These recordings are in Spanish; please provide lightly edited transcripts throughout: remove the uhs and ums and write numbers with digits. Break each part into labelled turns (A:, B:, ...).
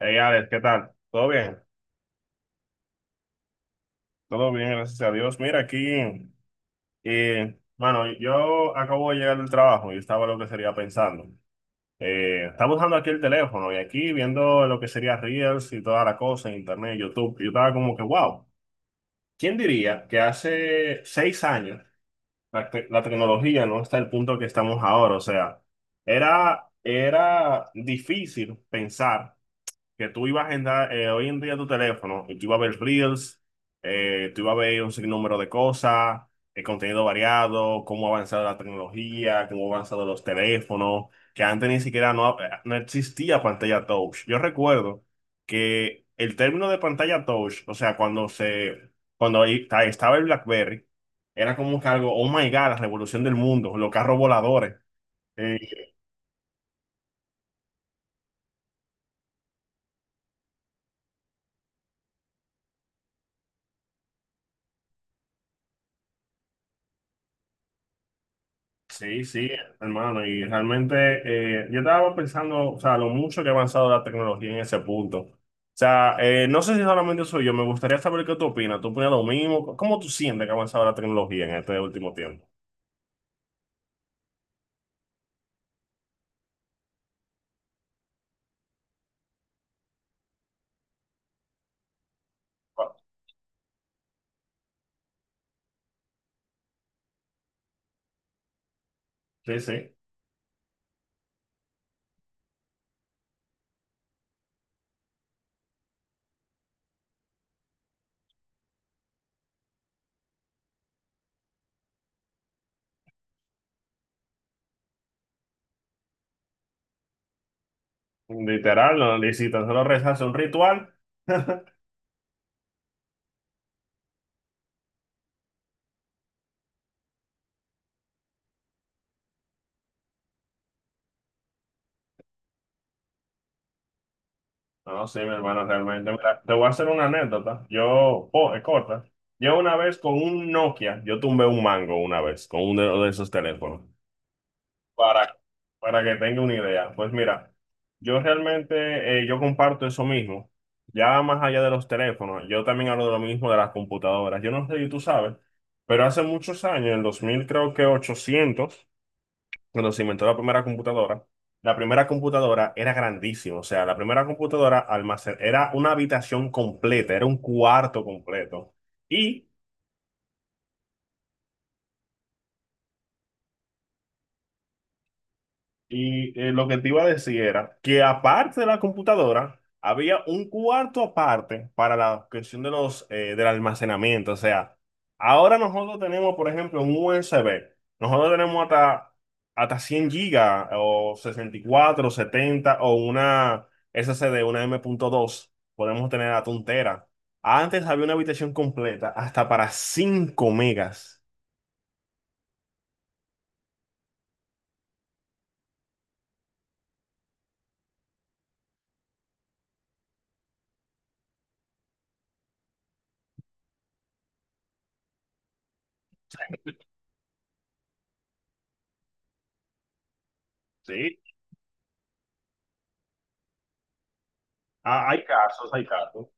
A: Hey Alex, ¿qué tal? ¿Todo bien? Todo bien, gracias a Dios. Mira, aquí, bueno, yo acabo de llegar del trabajo y estaba lo que sería pensando. Estaba usando aquí el teléfono y aquí viendo lo que sería Reels y toda la cosa en Internet, YouTube. Yo estaba como que, wow, ¿quién diría que hace 6 años la tecnología no está al punto que estamos ahora? O sea, era difícil pensar que tú ibas a agendar hoy en día tu teléfono y tú ibas a ver Reels, tú ibas a ver un sinnúmero de cosas, el contenido variado, cómo ha avanzado la tecnología, cómo han avanzado los teléfonos, que antes ni siquiera no, no existía pantalla touch. Yo recuerdo que el término de pantalla touch, o sea, cuando ahí estaba el BlackBerry, era como que algo, oh my God, la revolución del mundo, los carros voladores. Sí, sí, hermano, y realmente yo estaba pensando, o sea, lo mucho que ha avanzado la tecnología en ese punto. O sea, no sé si solamente soy yo, me gustaría saber qué tú opinas. ¿Tú opinas lo mismo? ¿Cómo tú sientes que ha avanzado la tecnología en este último tiempo? Sí, sí, literal, no, y si tan solo rezas un ritual. No, sí, mi hermano, realmente. Mira, te voy a hacer una anécdota. Oh, es corta. Yo una vez con un Nokia, yo tumbé un mango una vez con uno de esos teléfonos. Para, para que tenga una idea, pues mira, yo realmente yo comparto eso mismo. Ya más allá de los teléfonos, yo también hablo de lo mismo de las computadoras. Yo no sé si tú sabes, pero hace muchos años, en 2000 creo que 800 cuando se inventó la primera computadora era grandísima. O sea, la primera computadora almacén era una habitación completa, era un cuarto completo. Y Y lo que te iba a decir era que aparte de la computadora, había un cuarto aparte para la cuestión de del almacenamiento. O sea, ahora nosotros tenemos, por ejemplo, un USB. Nosotros tenemos hasta 100 gigas o 64 70 o una SSD, una M punto dos. Podemos tener hasta un tera. Antes había una habitación completa hasta para 5 megas. Sí. Ah, hay casos, hay casos.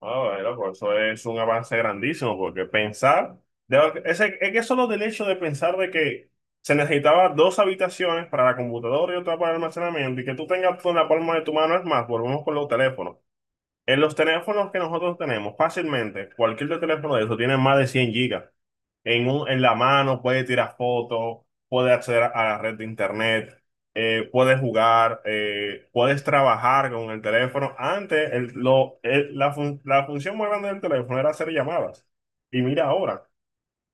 A: Ah, bueno, pues eso es un avance grandísimo, porque pensar, es que solo del hecho de pensar de que se necesitaba dos habitaciones para la computadora y otra para el almacenamiento, y que tú tengas todo en la palma de tu mano, es más, volvemos con los teléfonos. En los teléfonos que nosotros tenemos, fácilmente, cualquier teléfono de eso tiene más de 100 gigas. En la mano puede tirar fotos, puede acceder a la red de internet, puedes jugar, puedes trabajar con el teléfono. Antes, la función más grande del teléfono era hacer llamadas. Y mira ahora,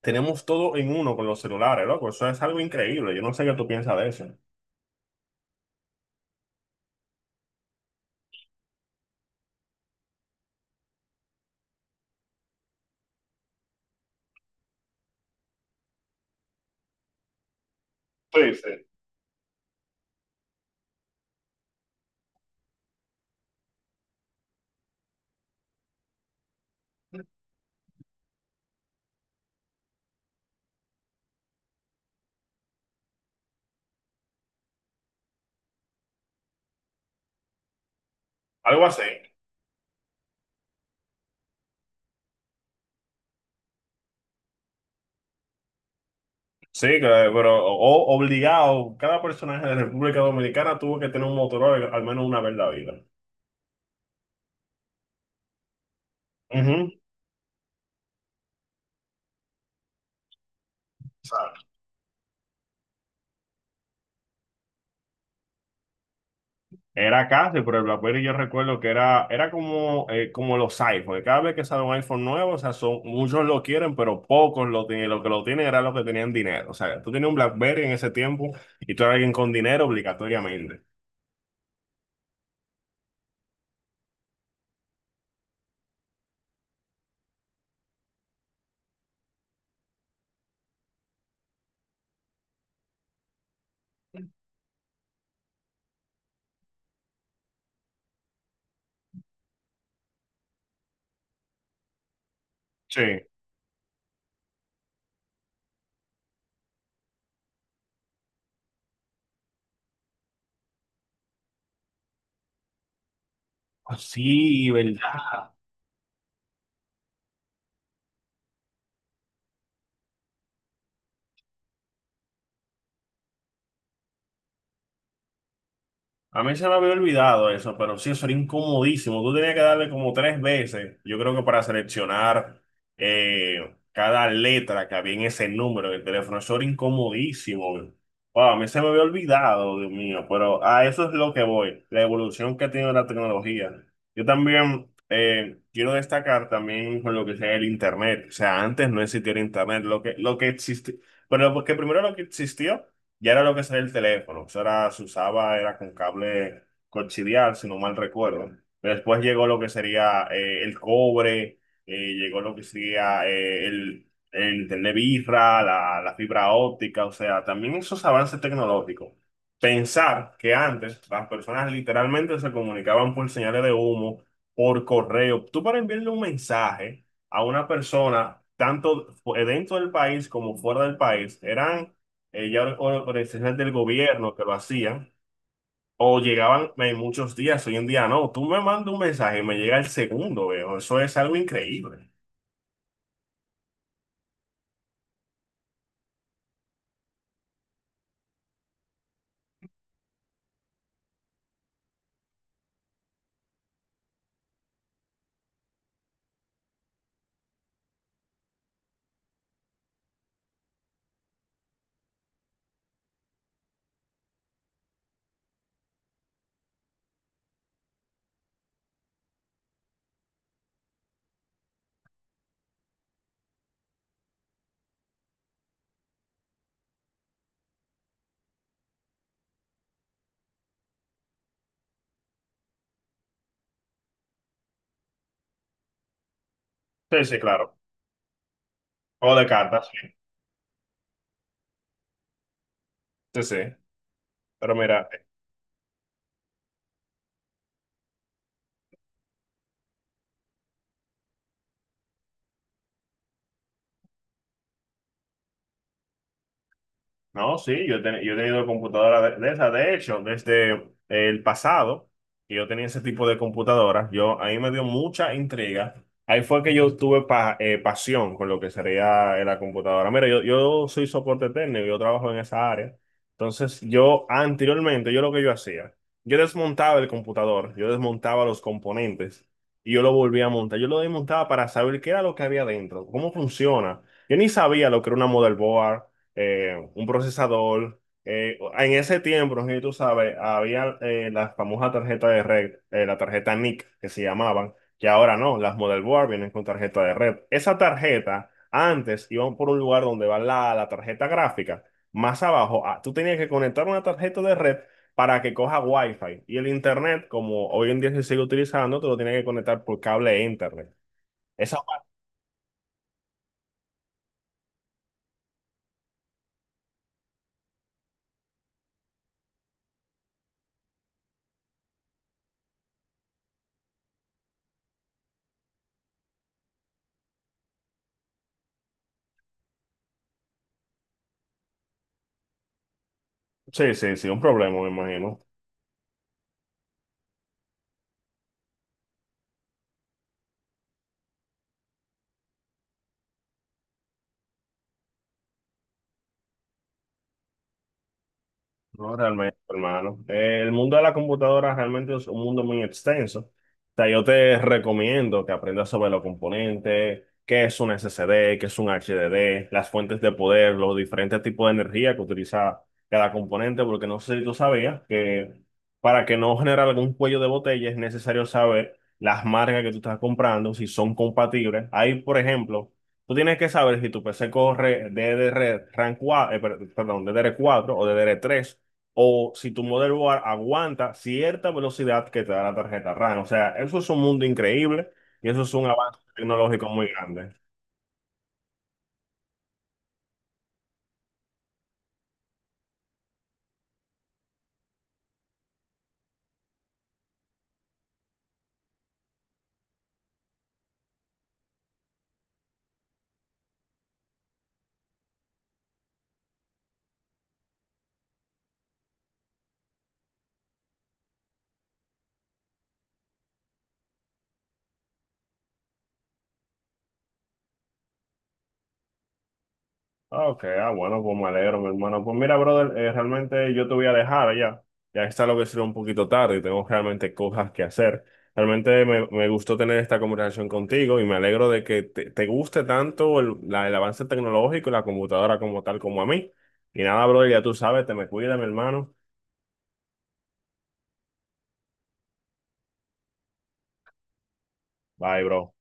A: tenemos todo en uno con los celulares, loco. Eso es algo increíble. Yo no sé qué tú piensas de eso. Sí, sí. Algo así. Sí, claro, pero obligado, cada personaje de República Dominicana tuvo que tener un Motorola al menos una vez en la vida. Ujú. ¿Sabes? Era casi, pero el BlackBerry yo recuerdo que era, era como, como los iPhones. Cada vez que sale un iPhone nuevo, o sea, son, muchos lo quieren, pero pocos lo tienen. Lo que lo tienen era los que tenían dinero. O sea, tú tenías un BlackBerry en ese tiempo y tú eras alguien con dinero obligatoriamente. Sí. Ah, sí, ¿verdad? A mí se me había olvidado eso, pero sí, eso era incomodísimo. Tú tenías que darle como 3 veces, yo creo que para seleccionar cada letra que había en ese número del teléfono. Eso era incomodísimo. Wow, a mí se me había olvidado, Dios mío, pero a eso es lo que voy, la evolución que ha tenido la tecnología. Yo también quiero destacar también con lo que sea el Internet. O sea, antes no existía el Internet, lo que existía, pero porque primero lo que existió. Ya era lo que sería el teléfono, eso era, se usaba, era con cable coaxial, si no mal recuerdo. Después llegó lo que sería el cobre, llegó lo que sería el internet birra, la fibra óptica, o sea, también esos avances tecnológicos. Pensar que antes las personas literalmente se comunicaban por señales de humo, por correo. Tú para enviarle un mensaje a una persona, tanto dentro del país como fuera del país, eran ya organizaciones del gobierno que lo hacían, o llegaban en muchos días, hoy en día no, tú me mandas un mensaje y me llega el segundo, veo, eso es algo increíble. Sí, sí, claro. O de cartas, sí, sí. Sí. Pero mira, no, sí, yo, yo he tenido computadora de esas. De hecho, desde el pasado, que yo tenía ese tipo de computadora, a mí me dio mucha intriga. Ahí fue que yo tuve pasión con lo que sería la computadora. Mira, yo soy soporte técnico, yo trabajo en esa área. Entonces, yo anteriormente, yo lo que yo hacía, yo desmontaba el computador, yo desmontaba los componentes y yo lo volvía a montar. Yo lo desmontaba para saber qué era lo que había dentro, cómo funciona. Yo ni sabía lo que era una motherboard un procesador. En ese tiempo, no sé si tú sabes, había la famosa tarjeta de red, la tarjeta NIC que se llamaban, que ahora no, las model board vienen con tarjeta de red. Esa tarjeta antes iban por un lugar donde va la tarjeta gráfica, más abajo, ah, tú tenías que conectar una tarjeta de red para que coja Wi-Fi. Y el internet, como hoy en día se sigue utilizando, te lo tienes que conectar por cable a internet. Esa, sí, sí, sí, un problema, me imagino. No, realmente, hermano. El mundo de la computadora realmente es un mundo muy extenso. O sea, yo te recomiendo que aprendas sobre los componentes, qué es un SSD, qué es un HDD, las fuentes de poder, los diferentes tipos de energía que utiliza cada componente, porque no sé si tú sabías que para que no generar algún cuello de botella es necesario saber las marcas que tú estás comprando, si son compatibles. Ahí, por ejemplo, tú tienes que saber si tu PC corre DDR 4, perdón, DDR4 o DDR3 o si tu motherboard aguanta cierta velocidad que te da la tarjeta RAM. O sea, eso es un mundo increíble y eso es un avance tecnológico muy grande. Ok, ah, bueno, pues me alegro, mi hermano. Pues mira, brother, realmente yo te voy a dejar ya. Ya está lo que será un poquito tarde y tengo realmente cosas que hacer. Realmente me gustó tener esta conversación contigo y me alegro de que te guste tanto el avance tecnológico y la computadora como tal como a mí. Y nada, brother, ya tú sabes, te me cuida, mi hermano. Bye, bro.